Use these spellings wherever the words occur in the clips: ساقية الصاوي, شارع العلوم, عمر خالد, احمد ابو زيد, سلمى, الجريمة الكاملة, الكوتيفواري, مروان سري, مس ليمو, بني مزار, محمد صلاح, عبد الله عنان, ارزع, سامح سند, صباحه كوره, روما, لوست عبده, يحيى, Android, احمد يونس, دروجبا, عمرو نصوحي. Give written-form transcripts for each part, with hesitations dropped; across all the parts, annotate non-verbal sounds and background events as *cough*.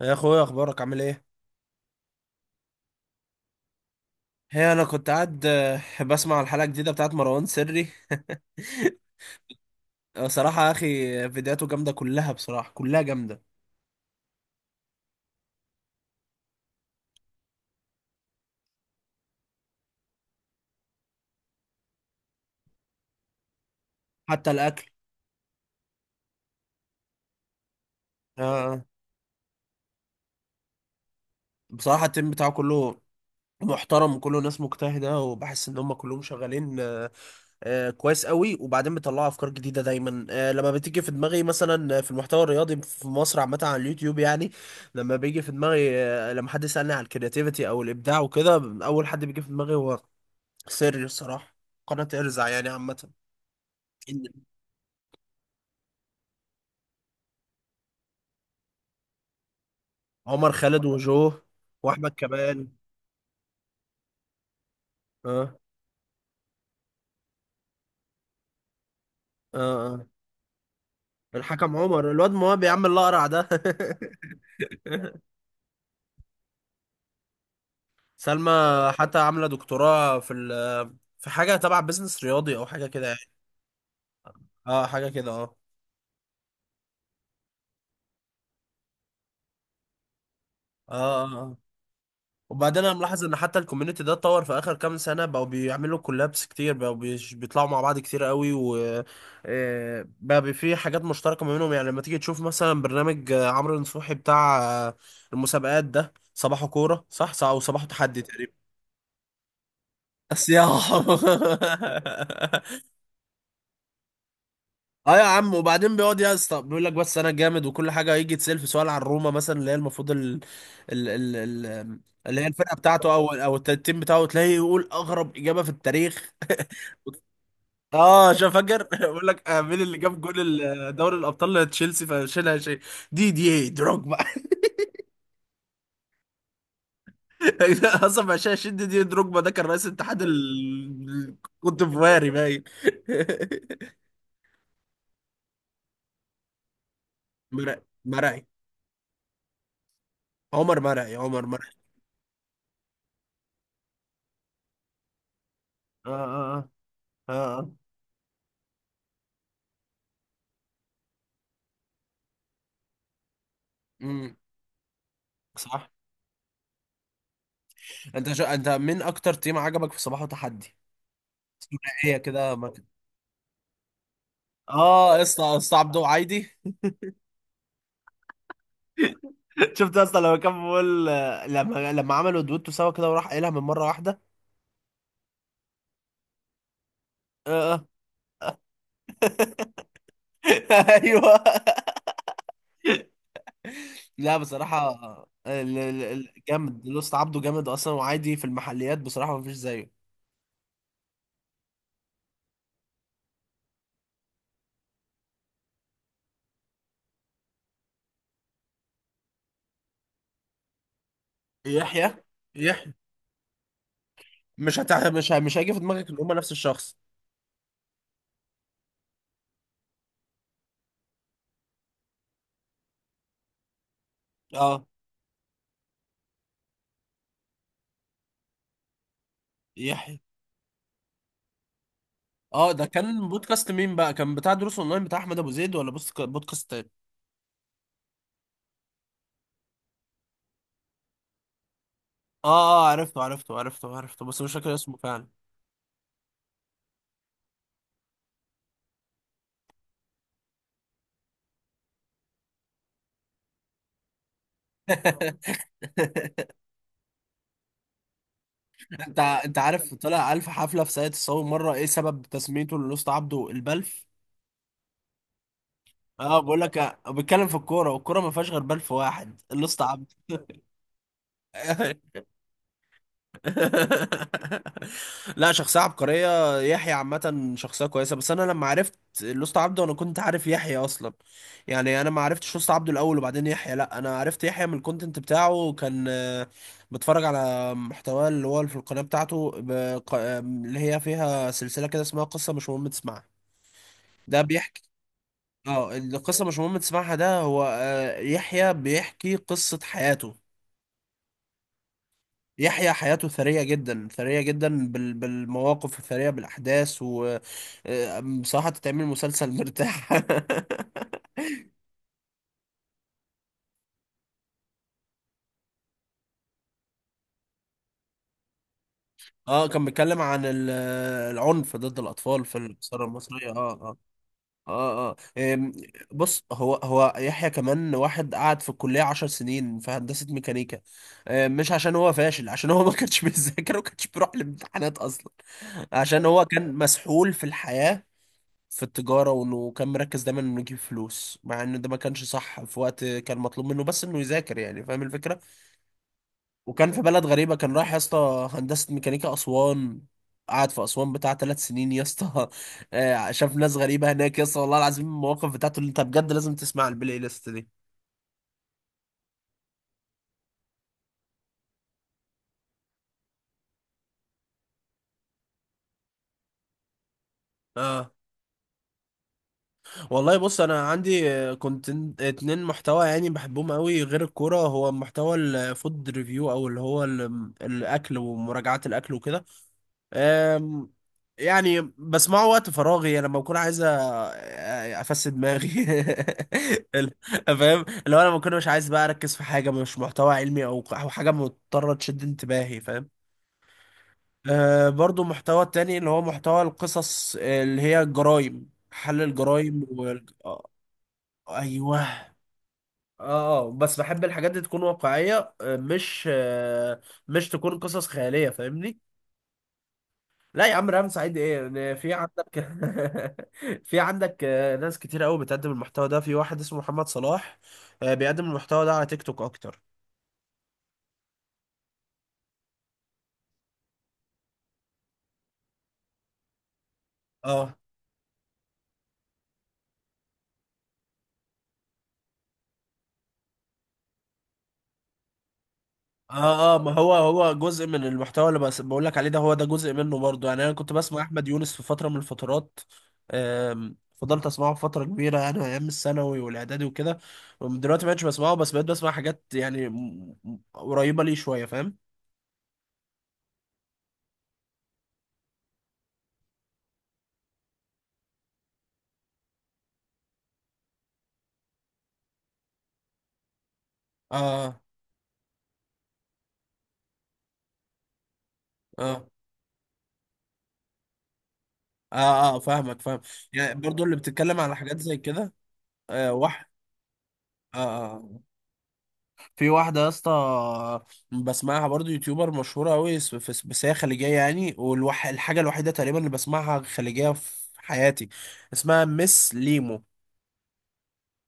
يا اخويا، اخبارك عامل ايه؟ هي انا كنت قاعد بسمع الحلقه الجديده بتاعت مروان سري. صراحه يا اخي، فيديوهاته جامده كلها، بصراحه كلها جامده. حتى الاكل. آه، آه. بصراحه التيم بتاعه كله محترم، وكله ناس مجتهده، وبحس ان هم كلهم شغالين. كويس قوي، وبعدين بيطلعوا افكار جديده دايما. لما بتيجي في دماغي مثلا في المحتوى الرياضي في مصر عامه على اليوتيوب يعني، لما بيجي في دماغي، لما حد يسالني على الكرياتيفيتي او الابداع وكده، اول حد بيجي في دماغي هو سر الصراحة، قناة ارزع يعني عامة. إن عمر خالد وجو وأحمد كمال. اه اه اه. الحكم عمر، الواد مواب يا عم الأقرع ده. *laughs* سلمى. حتى عاملة دكتوراه في في حاجة تبع بيزنس رياضي، أو حاجة كده يعني. اه، حاجة كده. اه اه اه آه. وبعدين انا ملاحظ ان حتى الكوميونتي ده اتطور في اخر كام سنه، بقوا بيعملوا كولابس كتير، بقوا بيطلعوا مع بعض كتير قوي، و بقى في حاجات مشتركه ما بينهم، يعني لما تيجي تشوف مثلا برنامج عمرو نصوحي بتاع آه، المسابقات ده، صباحه كوره صح صح، وصباحه تحدي تقريبا. بس يا. *laughs* اه يا عم، وبعدين بيقعد يا اسطى بيقول لك بس انا جامد، وكل حاجه يجي يتسال في سؤال عن روما مثلا، اللي هي المفروض ال... ال... ال... اللي هي الفرقه بتاعته، او التيم بتاعه، تلاقيه يقول اغرب اجابه في التاريخ. *laughs* اه، شو فاكر؟ *laughs* بقول لك مين اللي جاب جول دوري الابطال لتشيلسي فشيلها شيء؟ دي ايه دروجبا. *laughs* اصلا ما شيء. دي إيه دروجبا ده كان رئيس اتحاد الكوتيفواري باين. *laughs* مرعي مرعي، عمر مرعي، عمر مرعي. اه اه اه اه آه. مم. صح. انت مين اكتر تيم عجبك في صباح وتحدي؟ ثنائيه كده ما. اه يا اسطى، اسطى عبده وعايدي. *laughs* شفت يا اسطى لما كان بيقول؟ لما عملوا دويتو سوا كده وراح قايلها من مره واحده. اه. *laughs* ايوه. لا بصراحه، جامد. لوست عبده جامد اصلا، وعايدي في المحليات بصراحه ما فيش زيه. يحيى يحيى، مش هتع... مش ه... مش هيجي في دماغك ان هم نفس الشخص. اه، يحيى. اه، ده كان بودكاست مين بقى؟ كان بتاع دروس اونلاين بتاع احمد ابو زيد، ولا بودكاست تاني؟ اه اه، عرفته عرفته عرفته عرفته، بس مش فاكر اسمه فعلا. انت عارف؟ طلع الف حفله في ساقية الصاوي مره. ايه سبب تسميته للوسط عبده البلف؟ اه، بقول لك بيتكلم في الكوره، والكوره ما فيهاش غير بلف واحد، اللوست عبده. *laughs* لا، شخصية عبقرية، يحيى عامة شخصية كويسة. بس أنا لما عرفت لوست عبده أنا كنت عارف يحيى أصلا. يعني أنا ما عرفتش لوست عبده الأول وبعدين يحيى، لا، أنا عرفت يحيى من الكونتنت بتاعه، كان بتفرج على محتواه اللي هو في القناة بتاعته، اللي هي فيها سلسلة كده اسمها قصة مش مهم تسمعها. ده بيحكي. اه، القصة مش مهم تسمعها، ده هو يحيى بيحكي قصة حياته. يحيى حياته ثرية جدا، ثرية جدا بالمواقف الثرية، بالأحداث، و بصراحة تتعمل مسلسل مرتاح. *laughs* اه، كان بيتكلم عن العنف ضد الأطفال في الأسرة المصرية. اه اه، اه اه. بص، هو هو يحيى كمان واحد قعد في الكلية 10 سنين في هندسة ميكانيكا. مش عشان هو فاشل، عشان هو ما كانش *laughs* بيذاكر، وما كانش بيروح الامتحانات أصلا. عشان هو كان مسحول في الحياة، في التجارة، وانه كان مركز دايما انه يجيب فلوس، مع انه ده ما كانش صح في وقت كان مطلوب منه بس انه يذاكر، يعني فاهم الفكرة. وكان في بلد غريبة، كان رايح يا اسطى هندسة ميكانيكا أسوان. قعد في أسوان بتاع 3 سنين يا اسطى. *laughs* شاف ناس غريبة هناك يا اسطى، والله العظيم المواقف بتاعته اللي انت بجد لازم تسمع البلاي ليست دي. اه، والله بص، انا عندي كنت اتنين محتوى يعني بحبهم قوي غير الكوره، هو محتوى الفود ريفيو، او اللي هو الاكل ومراجعات الاكل وكده. أم، يعني بسمعه وقت فراغي، يعني لما بكون عايز افسد دماغي. *laughs* ال- فاهم اللي هو لما بكون مش عايز بقى اركز في حاجه، مش محتوى علمي او حاجه مضطره تشد انتباهي، فاهم. أه، برضو محتوى تاني اللي هو محتوى القصص، اللي هي الجرايم، حل الجرايم وال... آه، ايوه. اه، بس بحب الحاجات دي تكون واقعيه، مش تكون قصص خياليه، فاهمني. لا يا عم، ريهام سعيد ايه؟ إن في عندك. *laughs* في عندك ناس كتير قوي بتقدم المحتوى ده. في واحد اسمه محمد صلاح، بيقدم المحتوى ده على تيك توك اكتر. اه اه اه، ما هو هو جزء من المحتوى اللي بس بقول لك عليه ده، هو ده جزء منه برضه، يعني انا كنت بسمع احمد يونس في فتره من الفترات. فضلت اسمعه فتره كبيره، يعني ايام الثانوي والاعدادي وكده. دلوقتي ما بقتش بسمعه، بس بقيت بسمع حاجات يعني قريبه ليه شويه، فاهم. اه اه اه اه، فاهمك فاهم. يعني برضو اللي بتتكلم على حاجات زي كده، آه، واحد، آه آه. في واحدة يا اسطى بسمعها برضو، يوتيوبر مشهورة أوي، بس هي خليجية يعني، والحاجة الوحيدة تقريبا اللي بسمعها خليجية في حياتي، اسمها مس ليمو،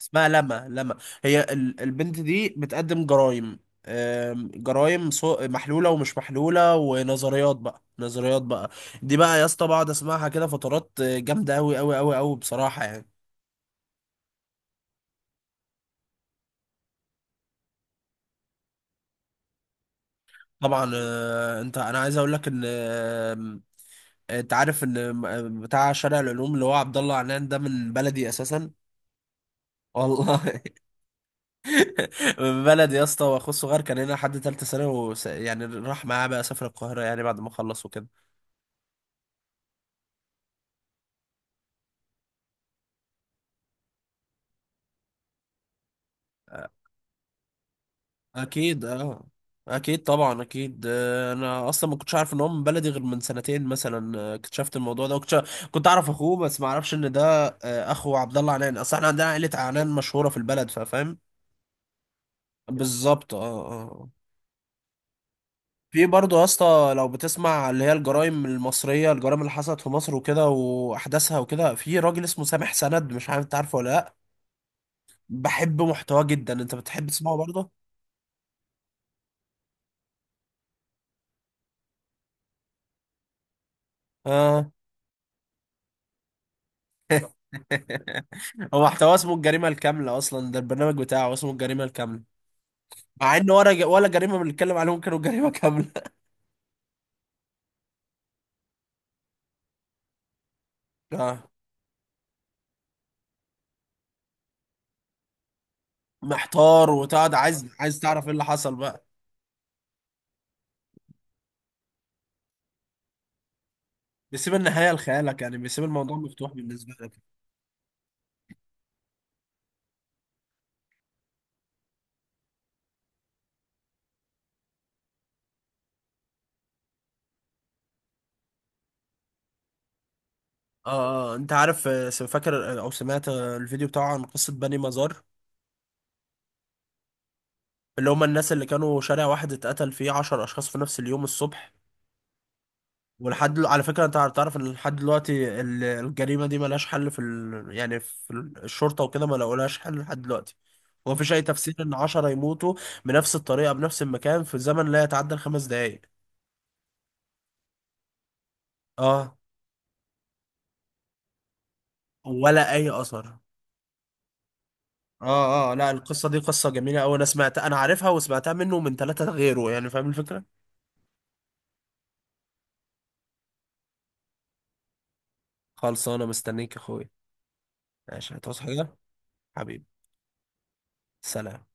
اسمها لما، لما. هي البنت دي بتقدم جرايم، جرايم محلولة ومش محلولة، ونظريات بقى، نظريات بقى. دي بقى يا اسطى بقعد اسمعها كده فترات جامدة أوي أوي أوي أوي، بصراحة يعني. طبعا. آه، انت انا عايز اقول لك ان انت عارف ان بتاع شارع العلوم اللي هو عبد الله عنان ده من بلدي اساسا. والله. *laughs* من بلدي يا اسطى، واخوه الصغير كان هنا لحد ثالثه ثانوي، يعني راح معاه بقى، سافر القاهره يعني بعد ما خلص وكده. آه، اكيد اه، اكيد طبعا اكيد. انا اصلا ما كنتش عارف ان هو من بلدي غير من سنتين مثلا، اكتشفت الموضوع ده، وكنت اعرف اخوه، بس ما اعرفش ان ده اخو عبد الله عنان. اصل احنا عندنا عائله عنان مشهوره في البلد، فاهم. بالظبط اه اه. في برضه يا اسطى لو بتسمع اللي هي الجرائم المصرية، الجرائم اللي حصلت في مصر وكده وأحداثها وكده، في راجل اسمه سامح سند، مش عارف انت عارفه ولا لأ؟ بحب محتواه جدا. انت بتحب تسمعه برضه؟ اه. *laughs* هو محتواه اسمه الجريمة الكاملة أصلا، ده البرنامج بتاعه اسمه الجريمة الكاملة. مع إن ولا ولا جريمة بنتكلم عليهم كانوا جريمة كاملة. *laughs* اه، محتار وتقعد عايز تعرف ايه اللي حصل بقى. بيسيب النهاية لخيالك، يعني بيسيب الموضوع مفتوح بالنسبة لك. اه. انت عارف، فاكر او سمعت الفيديو بتاعه عن قصة بني مزار؟ اللي هم الناس اللي كانوا شارع واحد اتقتل فيه 10 اشخاص في نفس اليوم الصبح. على فكرة، انت تعرف ان لحد دلوقتي الجريمة دي ملهاش حل في يعني في الشرطة وكده ما لقولهاش حل لحد دلوقتي. ومفيش اي تفسير ان 10 يموتوا بنفس الطريقة، بنفس المكان، في زمن لا يتعدى الخمس دقايق. اه، ولا اي اثر. اه اه، لا، القصة دي قصة جميلة اوي، انا سمعتها، انا عارفها، وسمعتها منه ومن 3 غيره، يعني فاهم الفكرة. خلص، انا مستنيك يا اخويا. ماشي، هتعوز حاجة حبيبي؟ سلام.